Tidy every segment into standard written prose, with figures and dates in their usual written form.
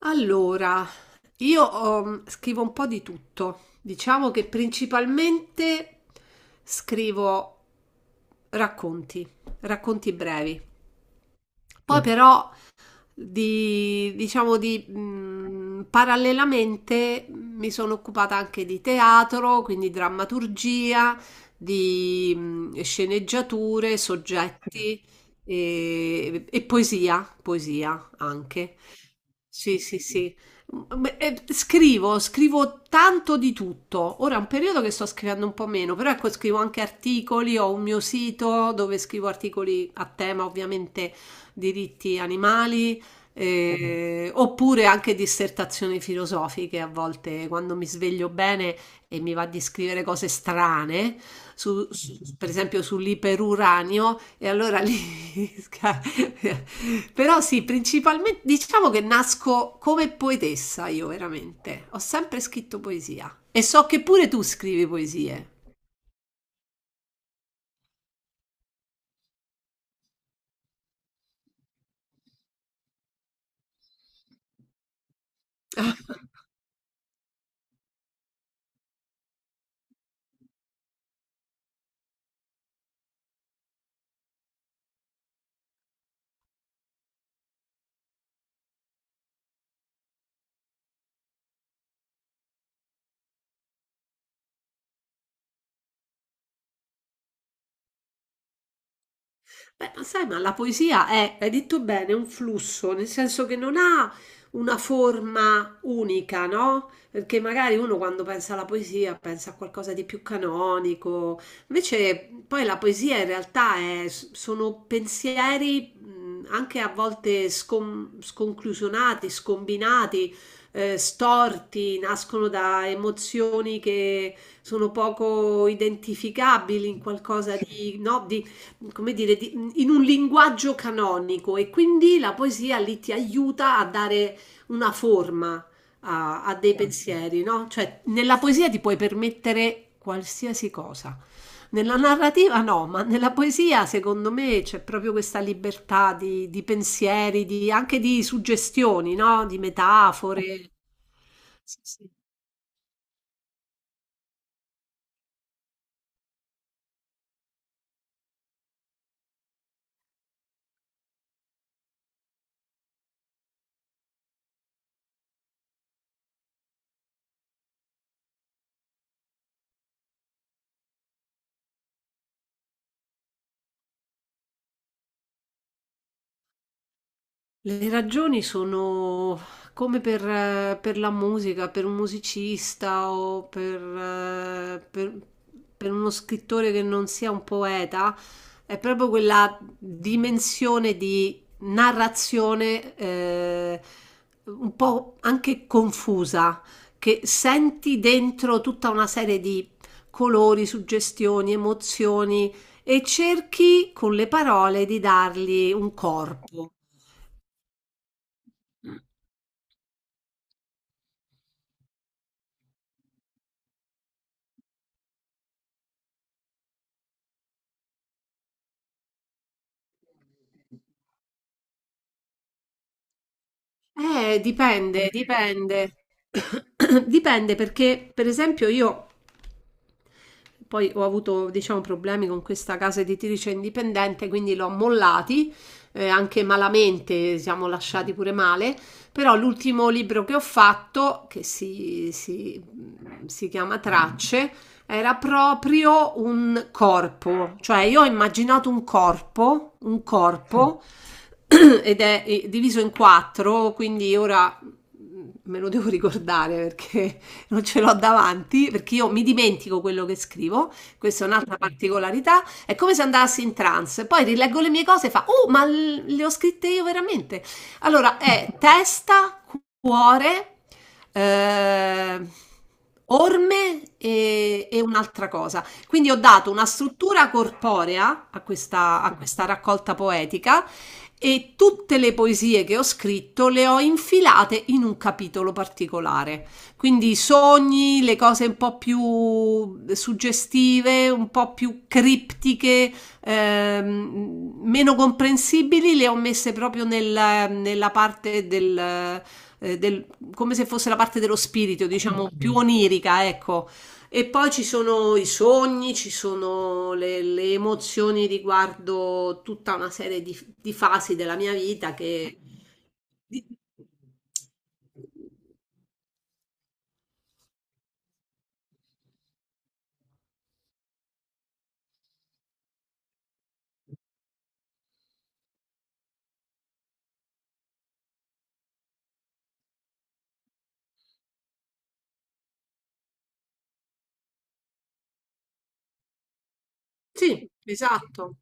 Allora, io scrivo un po' di tutto. Diciamo che principalmente scrivo racconti, racconti brevi. Poi però diciamo parallelamente mi sono occupata anche di teatro, quindi drammaturgia, di sceneggiature, soggetti e poesia, poesia anche. Sì, sì, sì. Scrivo tanto di tutto. Ora è un periodo che sto scrivendo un po' meno, però ecco, scrivo anche articoli, ho un mio sito dove scrivo articoli a tema, ovviamente, diritti animali, oppure anche dissertazioni filosofiche a volte, quando mi sveglio bene e mi va di scrivere cose strane per esempio sull'iperuranio e allora lì... sca- Però sì, principalmente diciamo che nasco come poetessa io veramente. Ho sempre scritto poesia e so che pure tu scrivi poesie. Beh, ma sai, ma la poesia è, hai detto bene, un flusso, nel senso che non ha una forma unica, no? Perché magari uno quando pensa alla poesia pensa a qualcosa di più canonico, invece poi la poesia in realtà è- sono pensieri anche a volte sconclusionati, scombinati, storti, nascono da emozioni che sono poco identificabili in qualcosa di, no, di come dire, di- in un linguaggio canonico e quindi la poesia lì ti aiuta a dare una forma a, a dei pensieri, no? Cioè, nella poesia ti puoi permettere qualsiasi cosa. Nella narrativa no, ma nella poesia secondo me c'è proprio questa libertà di pensieri, di- anche di suggestioni, no? Di metafore. Le ragioni sono come per la musica, per un musicista o per uno scrittore che non sia un poeta, è proprio quella dimensione di narrazione un po' anche confusa, che senti dentro tutta una serie di colori, suggestioni, emozioni e cerchi con le parole di dargli un corpo. Dipende, dipende. Dipende perché, per esempio, io poi ho avuto, diciamo, problemi con questa casa editrice indipendente, quindi l'ho mollati, anche malamente, siamo lasciati pure male, però l'ultimo libro che ho fatto, si chiama Tracce, era proprio un corpo, cioè io ho immaginato un corpo, ed è diviso in quattro, quindi ora me lo devo ricordare perché non ce l'ho davanti perché io mi dimentico quello che scrivo, questa è un'altra particolarità, è come se andassi in trance, poi rileggo le mie cose e fa, oh, ma le ho scritte io veramente. Allora è testa, cuore, eh, orme e, un'altra cosa. Quindi ho dato una struttura corporea a questa raccolta poetica e tutte le poesie che ho scritto le ho infilate in un capitolo particolare. Quindi i sogni, le cose un po' più suggestive, un po' più criptiche, meno comprensibili, le ho messe proprio nella, nella parte del, eh, del- come se fosse la parte dello spirito, diciamo, più onirica, ecco. E poi ci sono i sogni, ci sono le emozioni riguardo tutta una serie di fasi della mia vita che... di- Sì, esatto.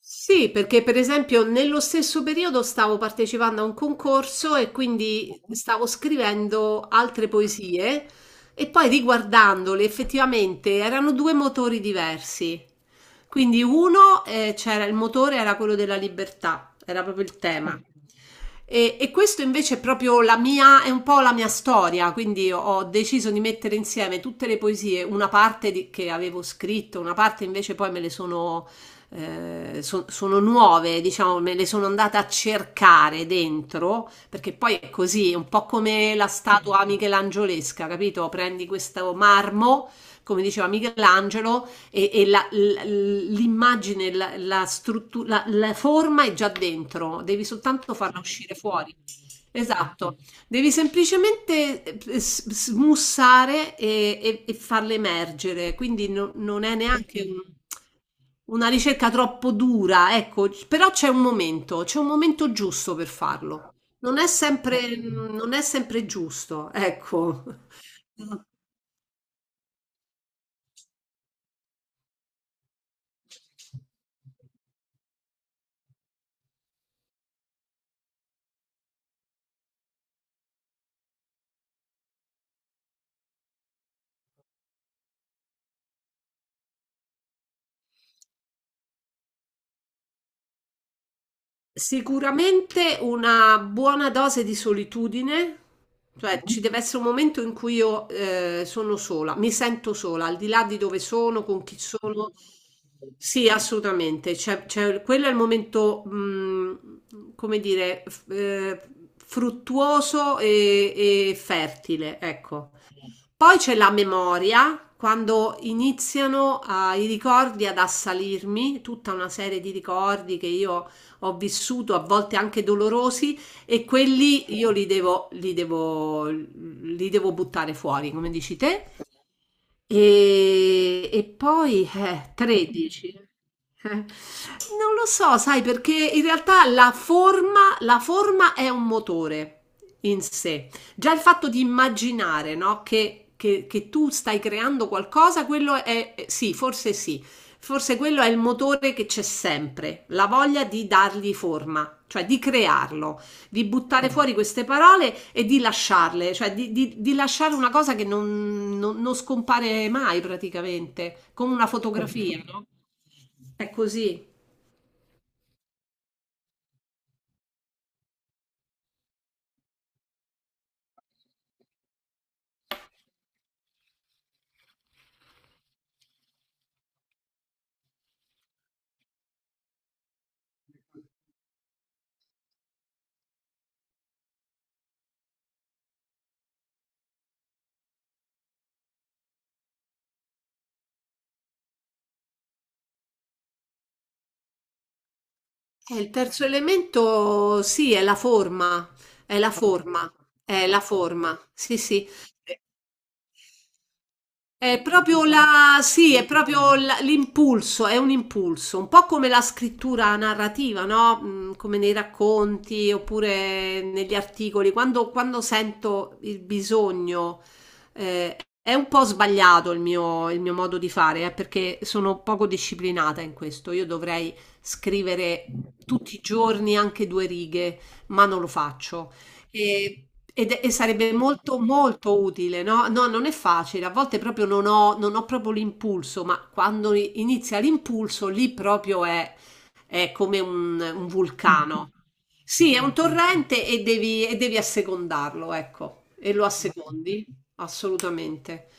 Sì, perché per esempio nello stesso periodo stavo partecipando a un concorso e quindi stavo scrivendo altre poesie e poi riguardandole effettivamente erano due motori diversi. Quindi uno, c'era il motore era quello della libertà, era proprio il tema. E questo invece è proprio la mia, è un po' la mia storia, quindi ho deciso di mettere insieme tutte le poesie, una parte di- che avevo scritto, una parte invece poi me le sono sono nuove, diciamo, me le sono andata a cercare dentro, perché poi è così, è un po' come la statua michelangiolesca, capito? Prendi questo marmo, come diceva Michelangelo, e l'immagine, la, la struttura, la forma è già dentro, devi soltanto farla uscire fuori. Esatto. Devi semplicemente smussare e, e farle emergere, quindi no- non è neanche Ok. un- una ricerca troppo dura, ecco, c- però c'è un momento giusto per farlo. Non è sempre, Ok. non è sempre giusto, ecco. Sicuramente una buona dose di solitudine, cioè Mhm. ci deve essere un momento in cui io sono sola, mi sento sola, al di là di dove sono, con chi sono. Sì, assolutamente. Quello è il momento, come dire, fruttuoso e fertile, ecco. Poi c'è la memoria, quando iniziano, i ricordi ad assalirmi, tutta una serie di ricordi che io ho vissuto, a volte anche dolorosi, e quelli io li devo, li devo, li devo buttare fuori, come dici te. E poi 13. Non lo so, sai, perché in realtà la forma è un motore in sé. Già il fatto di immaginare, no, che tu stai creando qualcosa, quello è, sì, forse quello è il motore che c'è sempre, la voglia di dargli forma, cioè di crearlo, di buttare fuori queste parole e di lasciarle, cioè di, di lasciare una cosa che non, non- non scompare mai praticamente, come una fotografia, no? È così. E il terzo elemento, sì, è la forma, è la forma, è la forma, sì, sì. È proprio la, sì, è proprio l'impulso, è un impulso, un po' come la scrittura narrativa, no? Come nei racconti oppure negli articoli. Quando, quando sento il bisogno, eh, è un po' sbagliato il mio modo di fare, perché sono poco disciplinata in questo. Io dovrei scrivere tutti i giorni anche due righe, ma non lo faccio. E, e sarebbe molto molto utile, no? No, non è facile, a volte proprio non ho, non ho proprio l'impulso, ma quando inizia l'impulso lì proprio è come un vulcano. Sì, è un torrente e devi assecondarlo, ecco, e lo assecondi, assolutamente.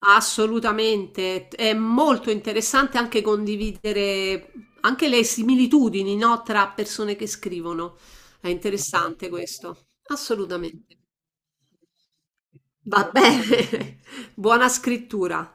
Assolutamente, è molto interessante anche condividere anche le similitudini, no, tra persone che scrivono. È interessante questo, assolutamente. Va bene, buona scrittura.